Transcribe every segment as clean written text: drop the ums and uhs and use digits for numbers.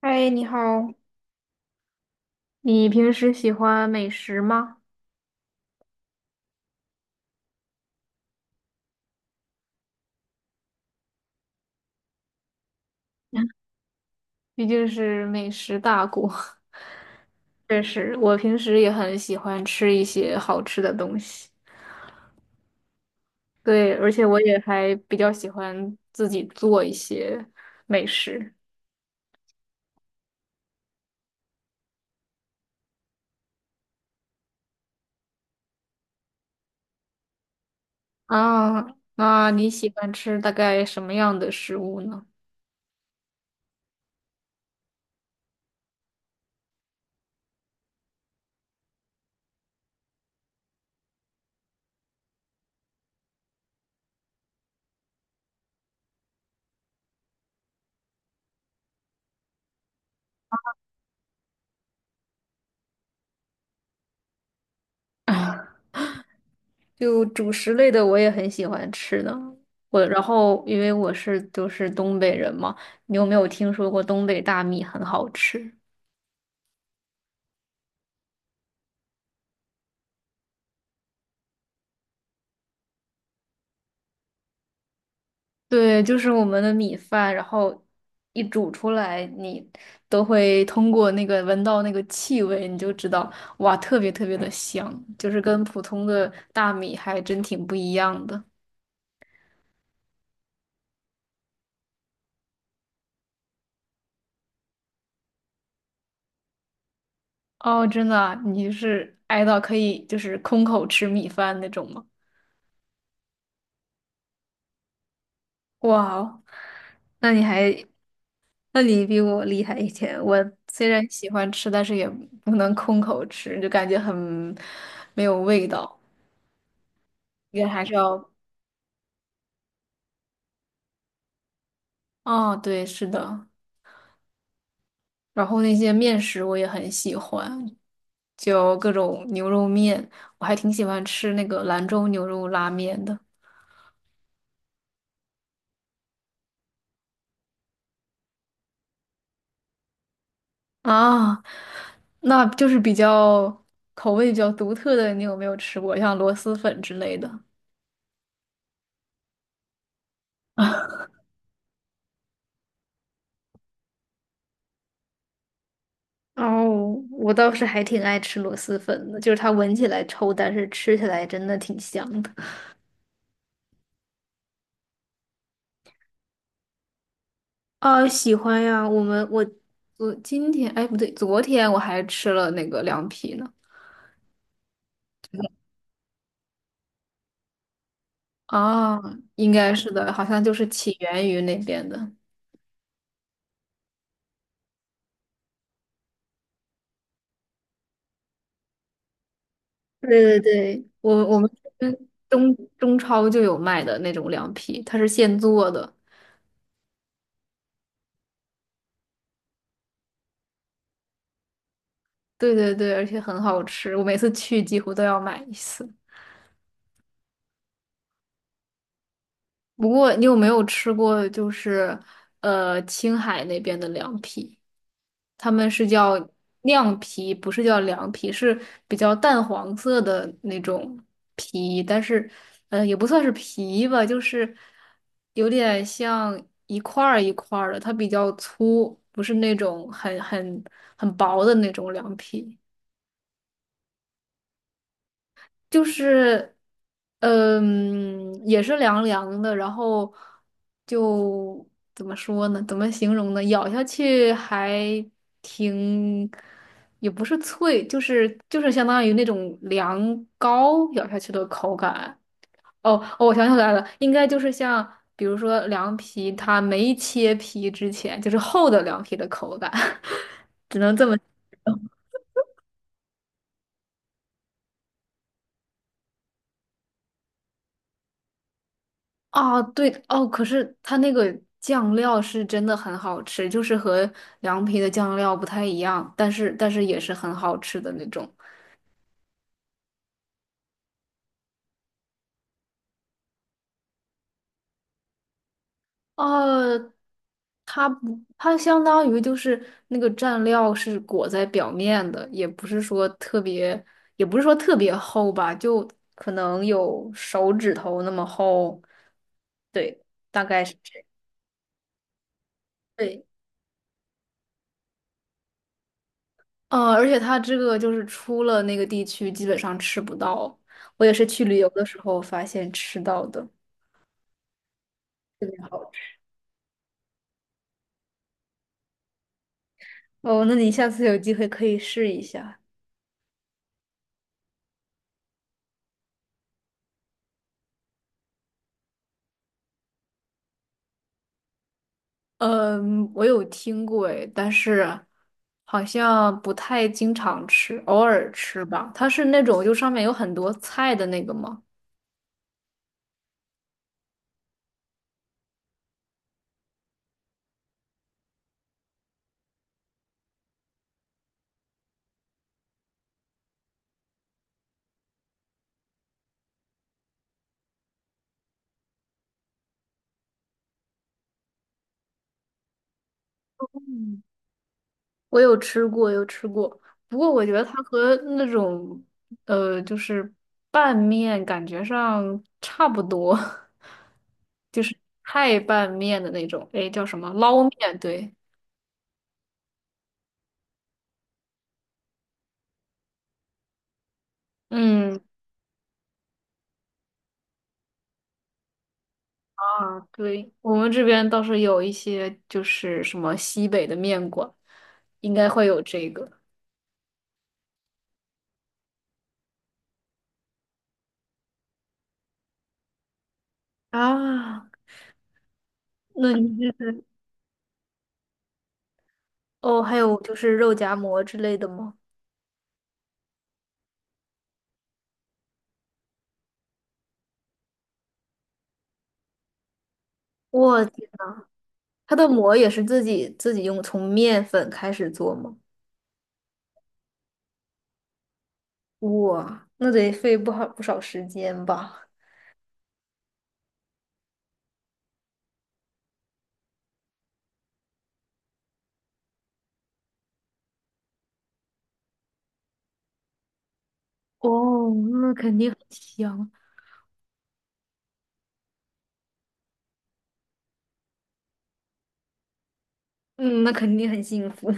嗨，你好，你平时喜欢美食吗？毕竟是美食大国。确实，我平时也很喜欢吃一些好吃的东西。对，而且我也还比较喜欢自己做一些美食。啊，那你喜欢吃大概什么样的食物呢？就主食类的我也很喜欢吃的。我然后因为我是东北人嘛，你有没有听说过东北大米很好吃？对，就是我们的米饭，然后一煮出来，你都会通过那个闻到那个气味，你就知道哇，特别特别的香，就是跟普通的大米还真挺不一样的。哦，真的啊？你就是爱到可以空口吃米饭那种吗？哇哦，那你还那你比我厉害一点。我虽然喜欢吃，但是也不能空口吃，就感觉很没有味道，也还是要。哦，对，是的。然后那些面食我也很喜欢，就各种牛肉面，我还挺喜欢吃那个兰州牛肉拉面的。啊，那就是比较比较独特的，你有没有吃过像螺蛳粉之类的？啊？哦，我倒是还挺爱吃螺蛳粉的，就是它闻起来臭，但是吃起来真的挺香的。啊，喜欢呀！我们我我今天哎不对，昨天我还吃了那个凉皮呢。啊，应该是的，好像就是起源于那边的。对对对，我们这边中超就有卖的那种凉皮，它是现做的。对对对，而且很好吃，我每次去几乎都要买一次。不过你有没有吃过就是青海那边的凉皮？他们是叫酿皮，不是叫凉皮，是比较淡黄色的那种皮，但是也不算是皮吧，就是有点像一块儿一块儿的，它比较粗，不是那种很很薄的那种凉皮。就是，也是凉凉的，然后就怎么说呢？怎么形容呢？咬下去还挺，也不是脆，就是相当于那种凉糕咬下去的口感。哦，哦，我想起来了，应该就是像比如说凉皮，它没切皮之前，就是厚的凉皮的口感。啊，对哦，可是它那个酱料是真的很好吃，就是和凉皮的酱料不太一样，但是也是很好吃的那种。呃，它不，它相当于就是那个蘸料是裹在表面的，也不是说特别，也不是说特别厚吧，就可能有手指头那么厚。对，大概是这样。对，嗯，而且它这个就是出了那个地区，基本上吃不到。我也是去旅游的时候发现吃到的。哦，那你下次有机会可以试一下。嗯，我有听过诶，但是好像不太经常吃，偶尔吃吧。它是那种就上面有很多菜的那个吗？嗯，我有吃过，有吃过。不过我觉得它和那种呃，就是拌面感觉上差不多。太拌面的那种，诶，叫什么捞面？对，嗯，啊，对，我们这边倒是有一些就是什么西北的面馆，应该会有这个。啊，那你是 哦，还有就是肉夹馍之类的吗？我天呐，它的馍也是自己用从面粉开始做吗？哇，那得费不少时间吧？哦，那肯定很香，嗯，那肯定很幸福。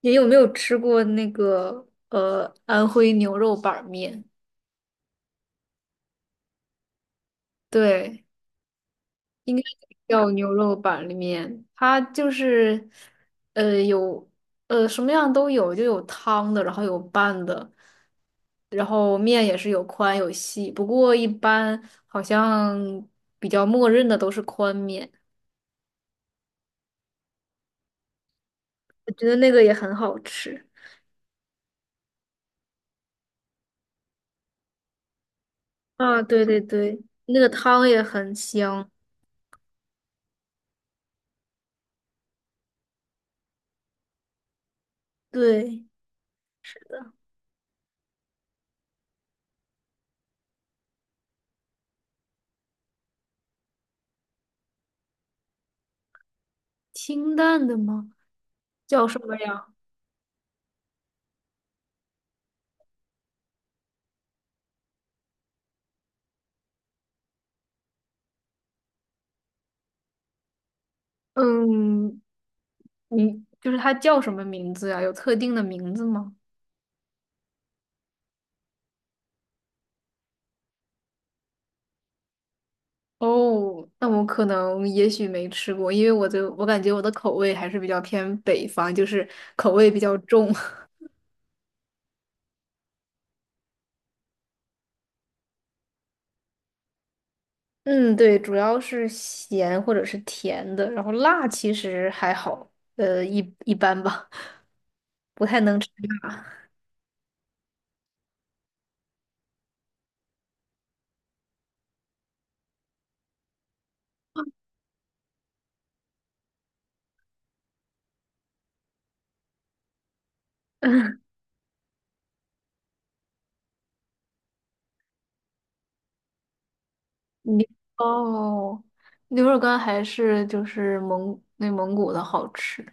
你有没有吃过那个安徽牛肉板面？对，应该 叫牛肉板面。它就是呃有呃什么样都有，就有汤的，然后有拌的，然后面也是有宽有细。不过一般好像比较默认的都是宽面，我觉得那个也很好吃。啊，对对对，那个汤也很香。对，是的，清淡的吗？叫什么呀？嗯，你就是它叫什么名字呀？有特定的名字吗？哦，那我可能也许没吃过，因为我感觉我的口味还是比较偏北方，就是口味比较重。嗯，对，主要是咸或者是甜的，然后辣其实还好，一一般吧，不太能吃辣。你哦，牛肉干还是就是内蒙古的好吃。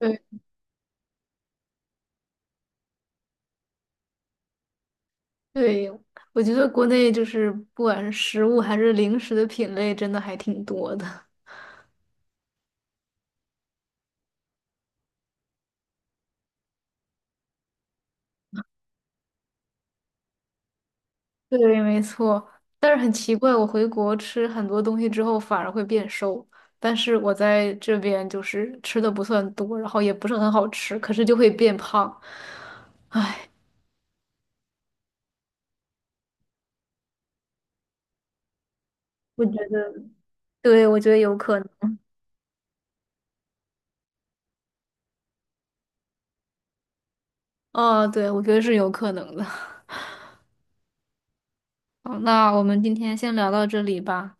对。对，我觉得国内就是不管是食物还是零食的品类，真的还挺多的。对，没错。但是很奇怪，我回国吃很多东西之后反而会变瘦，但是我在这边就是吃的不算多，然后也不是很好吃，可是就会变胖。我觉得，对，我觉得有可能。哦，对，我觉得是有可能的。好，那我们今天先聊到这里吧。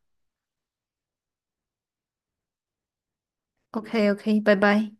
OK，OK，拜拜。